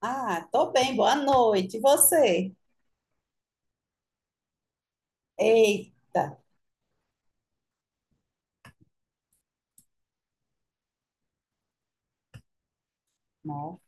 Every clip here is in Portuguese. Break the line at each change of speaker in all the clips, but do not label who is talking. Ah, tô bem, boa noite. E você? Eita, não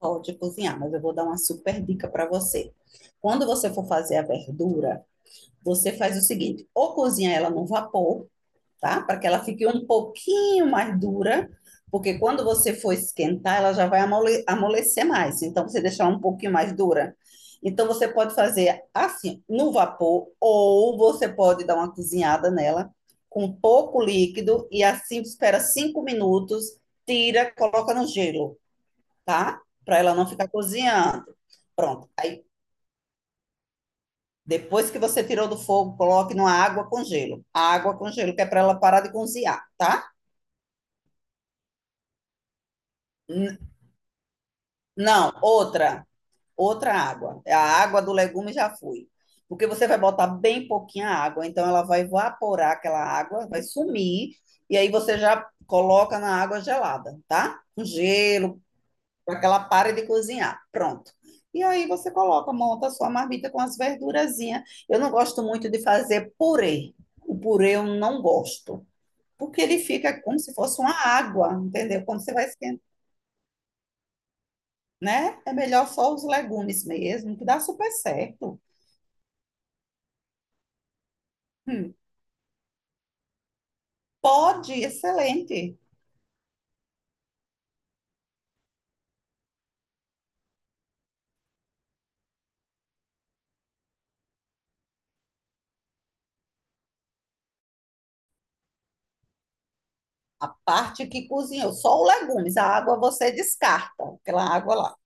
pode cozinhar, mas eu vou dar uma super dica para você. Quando você for fazer a verdura, você faz o seguinte: ou cozinha ela no vapor, tá? Para que ela fique um pouquinho mais dura, porque quando você for esquentar, ela já vai amolecer mais. Então, você deixar um pouquinho mais dura. Então, você pode fazer assim, no vapor, ou você pode dar uma cozinhada nela com pouco líquido e assim espera 5 minutos, tira, coloca no gelo, tá? Para ela não ficar cozinhando. Pronto. Aí, depois que você tirou do fogo, coloque numa água com gelo. A água com gelo, que é para ela parar de cozinhar, tá? Não, outra água. A água do legume já foi. Porque você vai botar bem pouquinha água, então ela vai evaporar aquela água, vai sumir, e aí você já coloca na água gelada, tá? Com gelo, para que ela pare de cozinhar. Pronto. E aí você coloca, monta a sua marmita com as verdurazinhas. Eu não gosto muito de fazer purê. O purê eu não gosto, porque ele fica como se fosse uma água, entendeu? Quando você vai esquentar, né? É melhor só os legumes mesmo, que dá super certo. Hum, pode, excelente. A parte que cozinhou, só os legumes, a água você descarta, aquela água lá.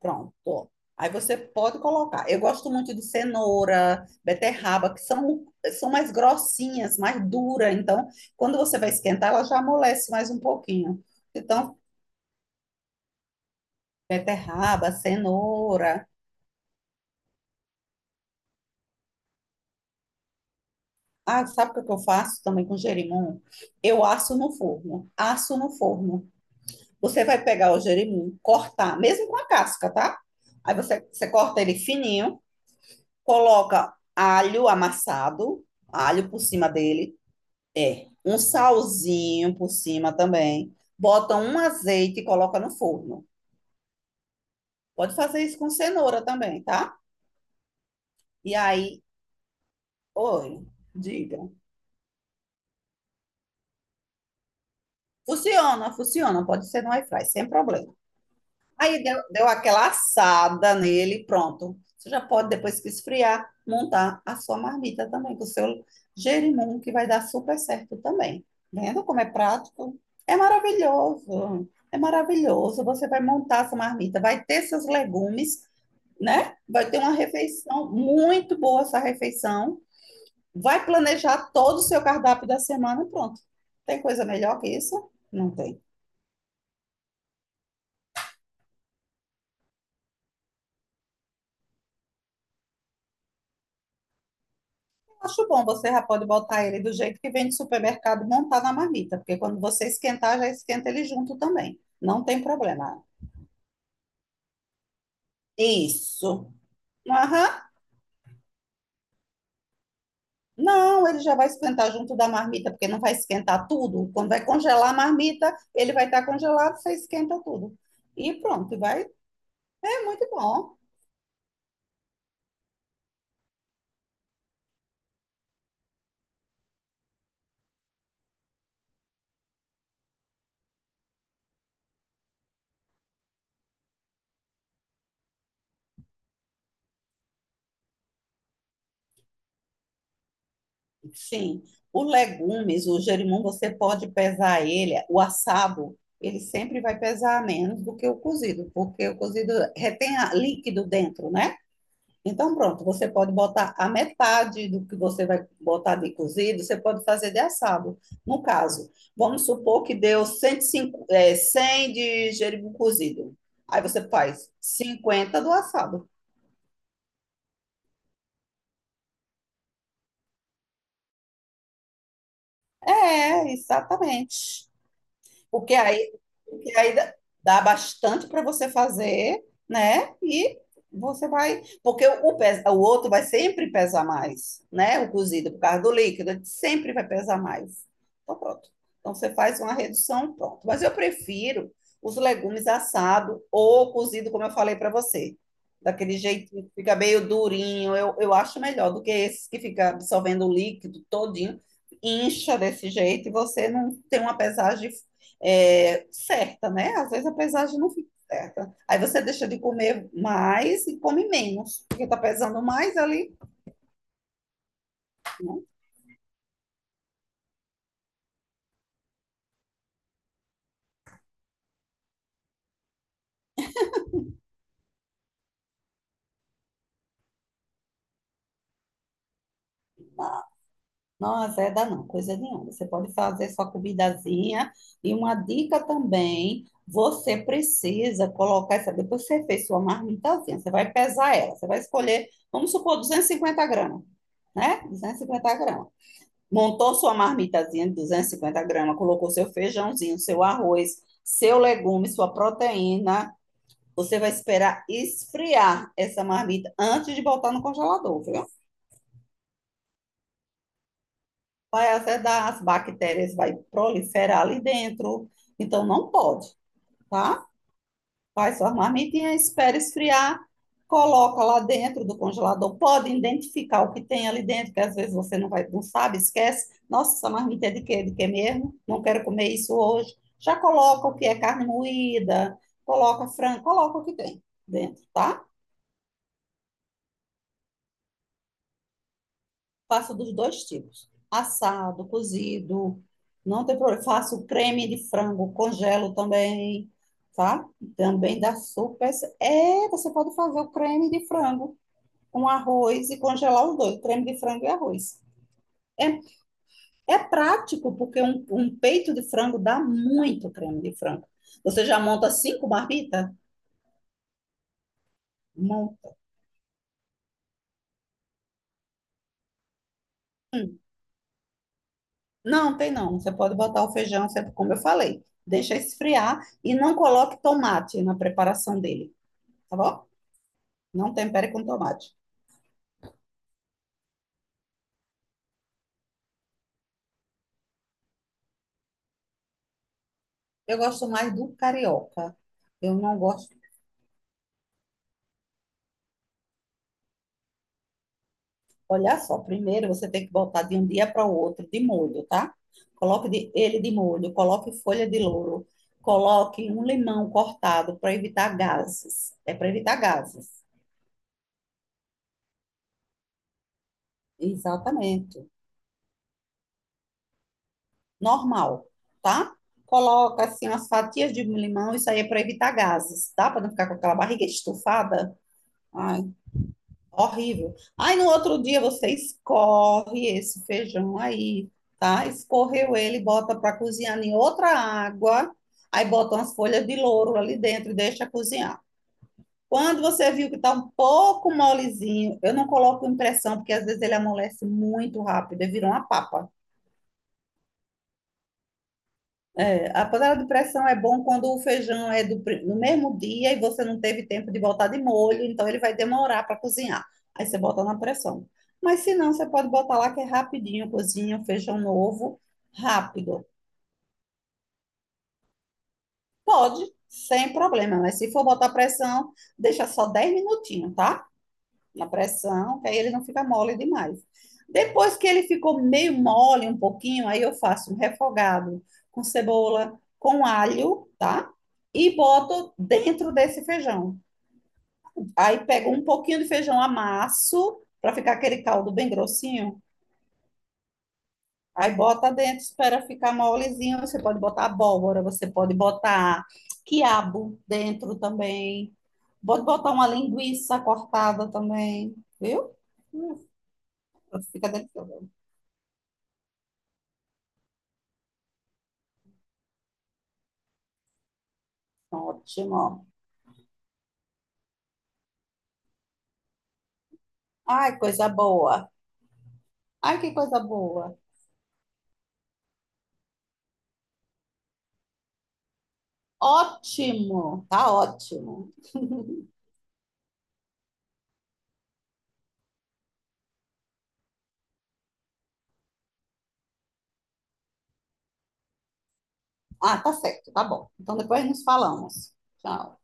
Pronto. Ó. Aí você pode colocar. Eu gosto muito de cenoura, beterraba, que são mais grossinhas, mais duras. Então, quando você vai esquentar, ela já amolece mais um pouquinho. Então, beterraba, cenoura. Ah, sabe o que eu faço também com gerimum? Eu asso no forno. Asso no forno. Você vai pegar o jerimum, cortar, mesmo com a casca, tá? Aí você corta ele fininho, coloca alho amassado, alho por cima dele, é, um salzinho por cima também. Bota um azeite e coloca no forno. Pode fazer isso com cenoura também, tá? E aí, oi, diga. Funciona, funciona, pode ser no airfryer, sem problema. Aí deu aquela assada nele, pronto. Você já pode, depois que esfriar, montar a sua marmita também, com o seu jerimum, que vai dar super certo também. Vendo como é prático? É maravilhoso. É maravilhoso. Você vai montar sua marmita, vai ter seus legumes, né? Vai ter uma refeição muito boa essa refeição. Vai planejar todo o seu cardápio da semana, e pronto. Tem coisa melhor que isso? Não tem. Acho bom, você já pode botar ele do jeito que vem de supermercado e montar na marmita, porque quando você esquentar, já esquenta ele junto também. Não tem problema. Isso. Aham. Não, ele já vai esquentar junto da marmita, porque não vai esquentar tudo. Quando vai congelar a marmita, ele vai estar congelado, você esquenta tudo. E pronto, vai. É muito bom. Sim, o legumes, o gerimum, você pode pesar ele, o assado, ele sempre vai pesar menos do que o cozido, porque o cozido retém líquido dentro, né? Então, pronto, você pode botar a metade do que você vai botar de cozido, você pode fazer de assado. No caso, vamos supor que deu 105, é, 100 de gerimum cozido. Aí você faz 50 do assado. É, exatamente. Porque aí, porque aí dá bastante para você fazer, né? E você vai. Porque o outro vai sempre pesar mais, né? O cozido, por causa do líquido, ele sempre vai pesar mais. Então, pronto. Então, você faz uma redução, pronto. Mas eu prefiro os legumes assados ou cozido, como eu falei para você. Daquele jeito, que fica meio durinho, eu acho melhor do que esses que fica absorvendo o líquido todinho, incha desse jeito e você não tem uma pesagem é, certa, né? Às vezes a pesagem não fica certa. Aí você deixa de comer mais e come menos, porque tá pesando mais ali. Não, não azeda não, coisa nenhuma. Você pode fazer sua comidazinha. E uma dica também, você precisa colocar essa. Depois que você fez sua marmitazinha, você vai pesar ela. Você vai escolher, vamos supor, 250 gramas, né? 250 gramas. Montou sua marmitazinha de 250 gramas, colocou seu feijãozinho, seu arroz, seu legume, sua proteína. Você vai esperar esfriar essa marmita antes de botar no congelador, viu? Vai azedar, as bactérias vai proliferar ali dentro. Então, não pode, tá? Faz sua marmitinha, espera esfriar, coloca lá dentro do congelador, pode identificar o que tem ali dentro, que às vezes você não vai, não sabe, esquece. Nossa, essa marmita é de quê? De quê mesmo? Não quero comer isso hoje. Já coloca o que é carne moída, coloca frango, coloca o que tem dentro, tá? Faço dos dois tipos. Assado, cozido, não tem problema. Faço o creme de frango, congelo também, tá? Também dá super. É, você pode fazer o creme de frango, um arroz e congelar os dois, creme de frango e arroz. É, é prático, porque um peito de frango dá muito creme de frango. Você já monta cinco marmitas? Monta. Hum, Não, tem não. Você pode botar o feijão, como eu falei. Deixa esfriar e não coloque tomate na preparação dele, tá bom? Não tempere com tomate. Eu gosto mais do carioca. Eu não gosto. Olha só, primeiro você tem que botar de um dia para o outro de molho, tá? Coloque ele de molho, coloque folha de louro, coloque um limão cortado para evitar gases. É para evitar gases. Exatamente. Normal, tá? Coloca assim as fatias de limão, isso aí é para evitar gases, tá? Para não ficar com aquela barriga estufada. Ai, horrível. Aí no outro dia você escorre esse feijão aí, tá? Escorreu ele, bota para cozinhar em outra água, aí bota umas folhas de louro ali dentro e deixa cozinhar. Quando você viu que tá um pouco molezinho, eu não coloco impressão, porque às vezes ele amolece muito rápido, e vira uma papa. A panela de pressão é bom quando o feijão é no mesmo dia e você não teve tempo de botar de molho, então ele vai demorar para cozinhar. Aí você bota na pressão. Mas se não, você pode botar lá que é rapidinho, cozinha o feijão novo, rápido. Pode, sem problema, mas se for botar pressão, deixa só 10 minutinhos, tá? Na pressão, que aí ele não fica mole demais. Depois que ele ficou meio mole um pouquinho, aí eu faço um refogado com cebola, com alho, tá? E boto dentro desse feijão. Aí pego um pouquinho de feijão, amasso para ficar aquele caldo bem grossinho. Aí bota dentro, espera ficar molezinho. Você pode botar abóbora, você pode botar quiabo dentro também. Pode botar uma linguiça cortada também, viu? Hum, Fica delicioso. Ótimo. Ai, coisa boa. Ai, que coisa boa. Ótimo. Tá ótimo. Ah, tá certo. Tá bom. Então depois nos falamos. Tchau.